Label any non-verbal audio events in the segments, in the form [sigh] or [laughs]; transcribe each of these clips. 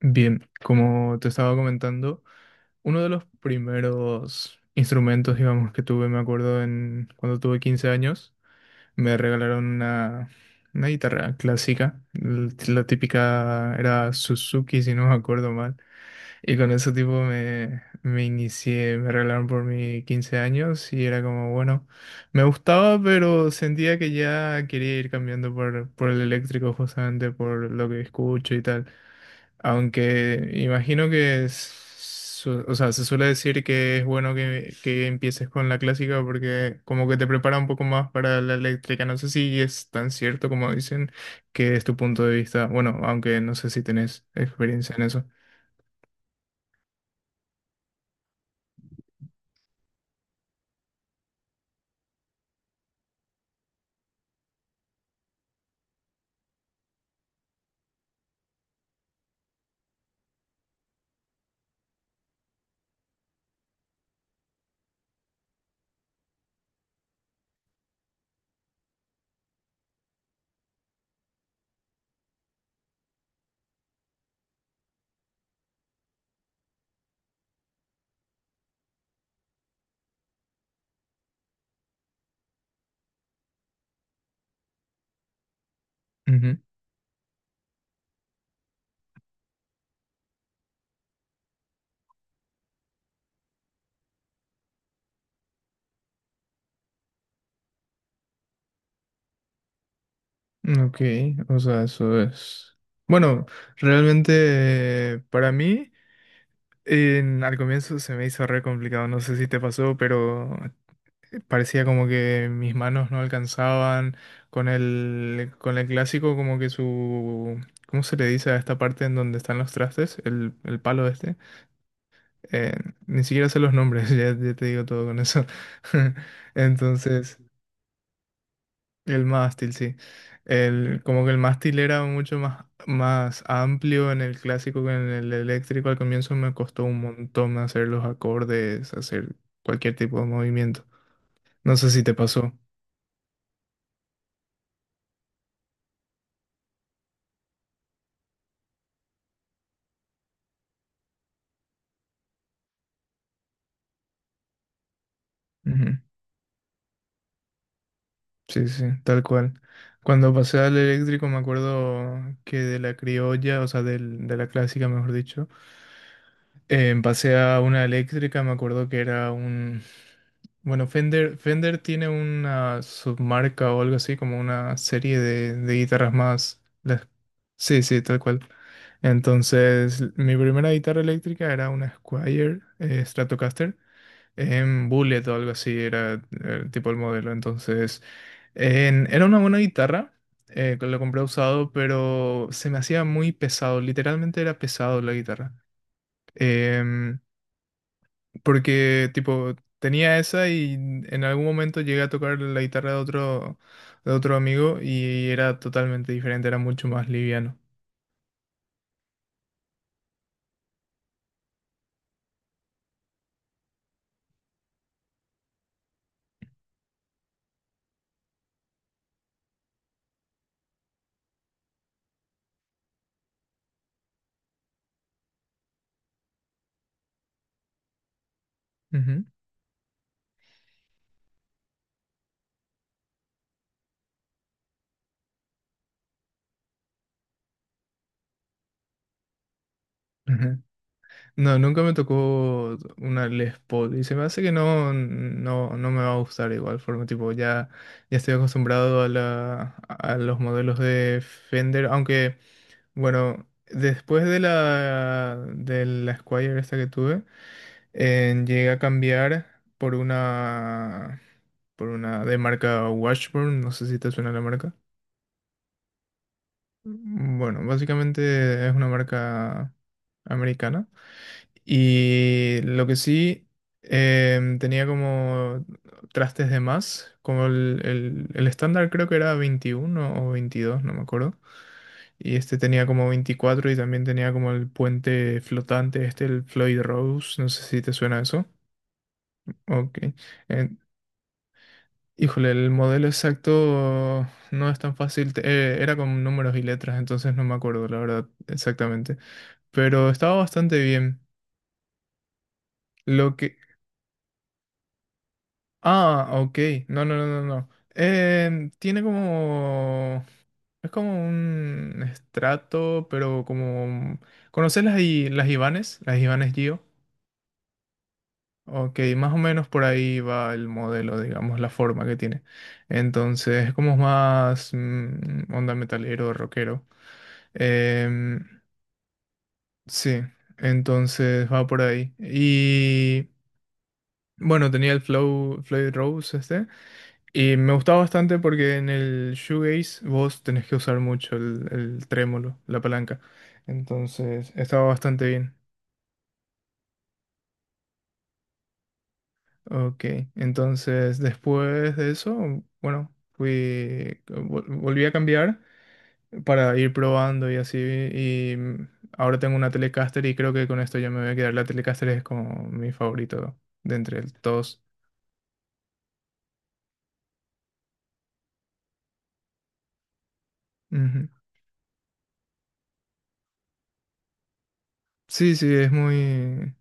Bien, como te estaba comentando, uno de los primeros instrumentos, digamos, que tuve, me acuerdo, en cuando tuve 15 años, me regalaron una guitarra clásica, la típica era Suzuki, si no me acuerdo mal, y con ese tipo me inicié, me regalaron por mis 15 años y era como, bueno, me gustaba, pero sentía que ya quería ir cambiando por el eléctrico, justamente por lo que escucho y tal. Aunque imagino que, o sea, se suele decir que es bueno que empieces con la clásica porque como que te prepara un poco más para la eléctrica. No sé si es tan cierto como dicen que es tu punto de vista. Bueno, aunque no sé si tenés experiencia en eso. Ujú. Ok, o sea, eso es. Bueno, realmente para mí al comienzo se me hizo re complicado, no sé si te pasó, pero parecía como que mis manos no alcanzaban con el clásico, como que su... ¿Cómo se le dice a esta parte en donde están los trastes? El palo este. Eh, Ni siquiera sé los nombres, [laughs] ya te digo todo con eso. [laughs] Entonces, el mástil, sí. El, como que el mástil era mucho más amplio en el clásico que en el eléctrico. Al comienzo me costó un montón hacer los acordes, hacer cualquier tipo de movimiento. No sé si te pasó. Ujú. Sí, sí, tal cual. Cuando pasé al eléctrico me acuerdo que de la criolla, o sea, de la clásica, mejor dicho, pasé a una eléctrica, me acuerdo que era un... Bueno, Fender tiene una submarca o algo así, como una serie de guitarras más... las... Sí, sí, tal cual. Entonces, mi primera guitarra eléctrica era una Squier Stratocaster en Bullet o algo así era el tipo el modelo. Entonces, era una buena guitarra, que lo compré usado, pero se me hacía muy pesado, literalmente era pesado la guitarra. Em, Porque tipo tenía esa y en algún momento llegué a tocar la guitarra de otro amigo y era totalmente diferente, era mucho más liviano. Ujú. No, nunca me tocó una Les Paul y se me hace que no me va a gustar de igual forma, tipo, ya estoy acostumbrado a la, a los modelos de Fender, aunque, bueno, después de la Squier esta que tuve, llegué a cambiar por una de marca Washburn, no sé si te suena la marca. Bueno, básicamente es una marca americana. Y lo que sí, tenía como trastes de más, como el estándar creo que era 21 o veintidós, no me acuerdo. Y este tenía como 24 y también tenía como el puente flotante, este, el Floyd Rose, no sé si te suena eso. Ok. Eh, Híjole, el modelo exacto no es tan fácil, era con números y letras, entonces no me acuerdo la verdad exactamente, pero estaba bastante bien. Lo que... Ah, ok. No, no, no, no, no. Tiene como... Es como un estrato, pero como... ¿Conoces las, las Ivanes? Las Ivanes Gio. Ok, más o menos por ahí va el modelo, digamos, la forma que tiene. Entonces, es como más onda metalero, rockero. Em, sí, entonces va por ahí. Y bueno, tenía el Floyd Rose este. Y me gustaba bastante porque en el shoegaze vos tenés que usar mucho el trémolo, la palanca. Entonces, estaba bastante bien. Ok, entonces después de eso, bueno, volví a cambiar para ir probando y así. Y ahora tengo una Telecaster y creo que con esto ya me voy a quedar. La Telecaster es como mi favorito de entre todos. Ujú. Sí, sí, es muy...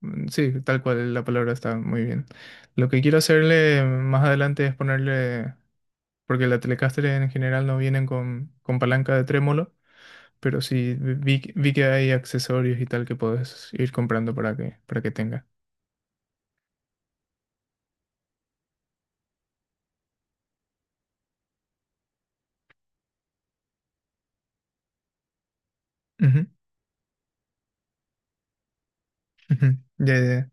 Sí, tal cual, la palabra está muy bien. Lo que quiero hacerle más adelante es ponerle, porque la Telecaster en general no vienen con palanca de trémolo, pero sí vi que hay accesorios y tal que puedes ir comprando para que tenga. Ujú, ujú. Ya, ya, ya.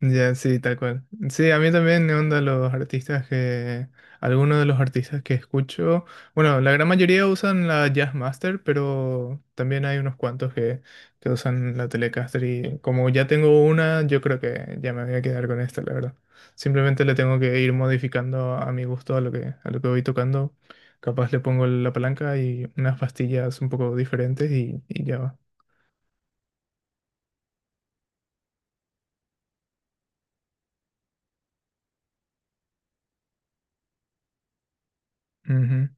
Ya, sí, tal cual. Sí, a mí también me onda los artistas algunos de los artistas que escucho, bueno, la gran mayoría usan la Jazzmaster, pero también hay unos cuantos que usan la Telecaster y como ya tengo una, yo creo que ya me voy a quedar con esta, la verdad. Simplemente le tengo que ir modificando a mi gusto a lo que voy tocando. Capaz le pongo la palanca y unas pastillas un poco diferentes y ya va.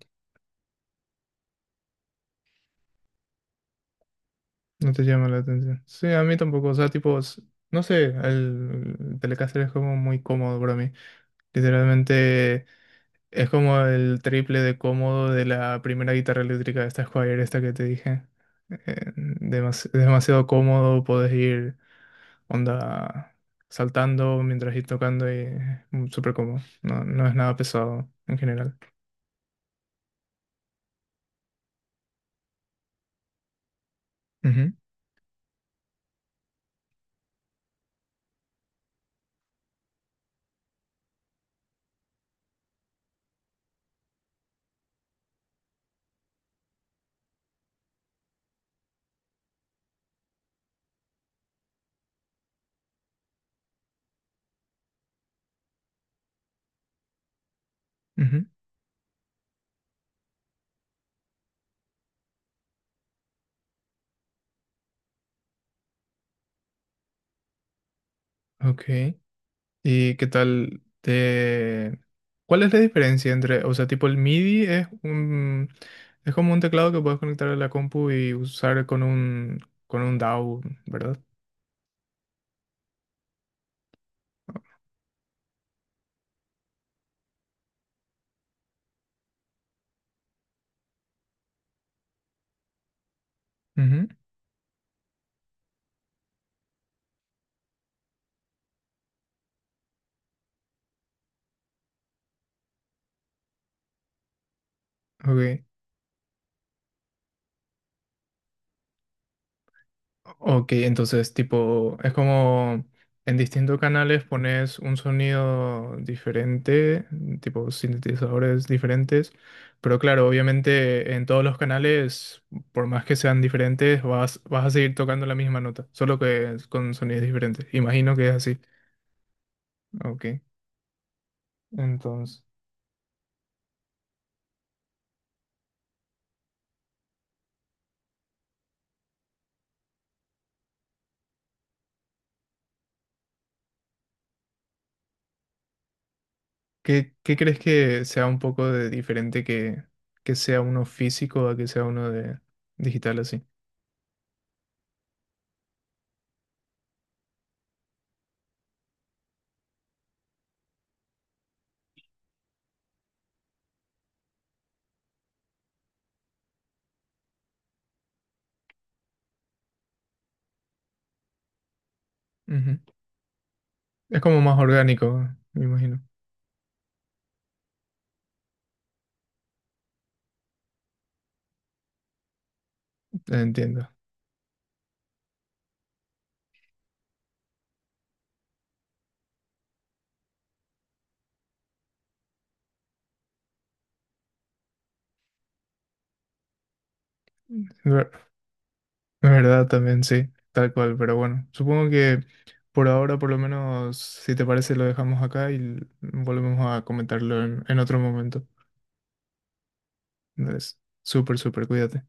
No te llama la atención. Sí, a mí tampoco. O sea, tipo, no sé, el Telecaster es como muy cómodo para mí. Literalmente es como el triple de cómodo de la primera guitarra eléctrica, esta Squire, esta que te dije. Demasiado cómodo, podés ir onda saltando mientras ir tocando y súper cómodo. No, no es nada pesado en general. Ujú, ujú. Ok. ¿Y qué tal te...? ¿Cuál es la diferencia entre, o sea, tipo el MIDI es como un teclado que puedes conectar a la compu y usar con un DAW, ¿verdad? Ujú, ok. Ok, entonces tipo, es como en distintos canales pones un sonido diferente, tipo sintetizadores diferentes, pero claro, obviamente en todos los canales, por más que sean diferentes, vas a seguir tocando la misma nota, solo que es con sonidos diferentes. Imagino que es así. Ok, entonces, ¿qué crees que sea un poco de diferente que sea uno físico a que sea uno de digital así? Ujú. Es como más orgánico, me imagino. Entiendo. Ver- Verdad también, sí, tal cual, pero bueno, supongo que por ahora, por lo menos, si te parece, lo dejamos acá y volvemos a comentarlo en otro momento. Entonces, súper, súper, cuídate.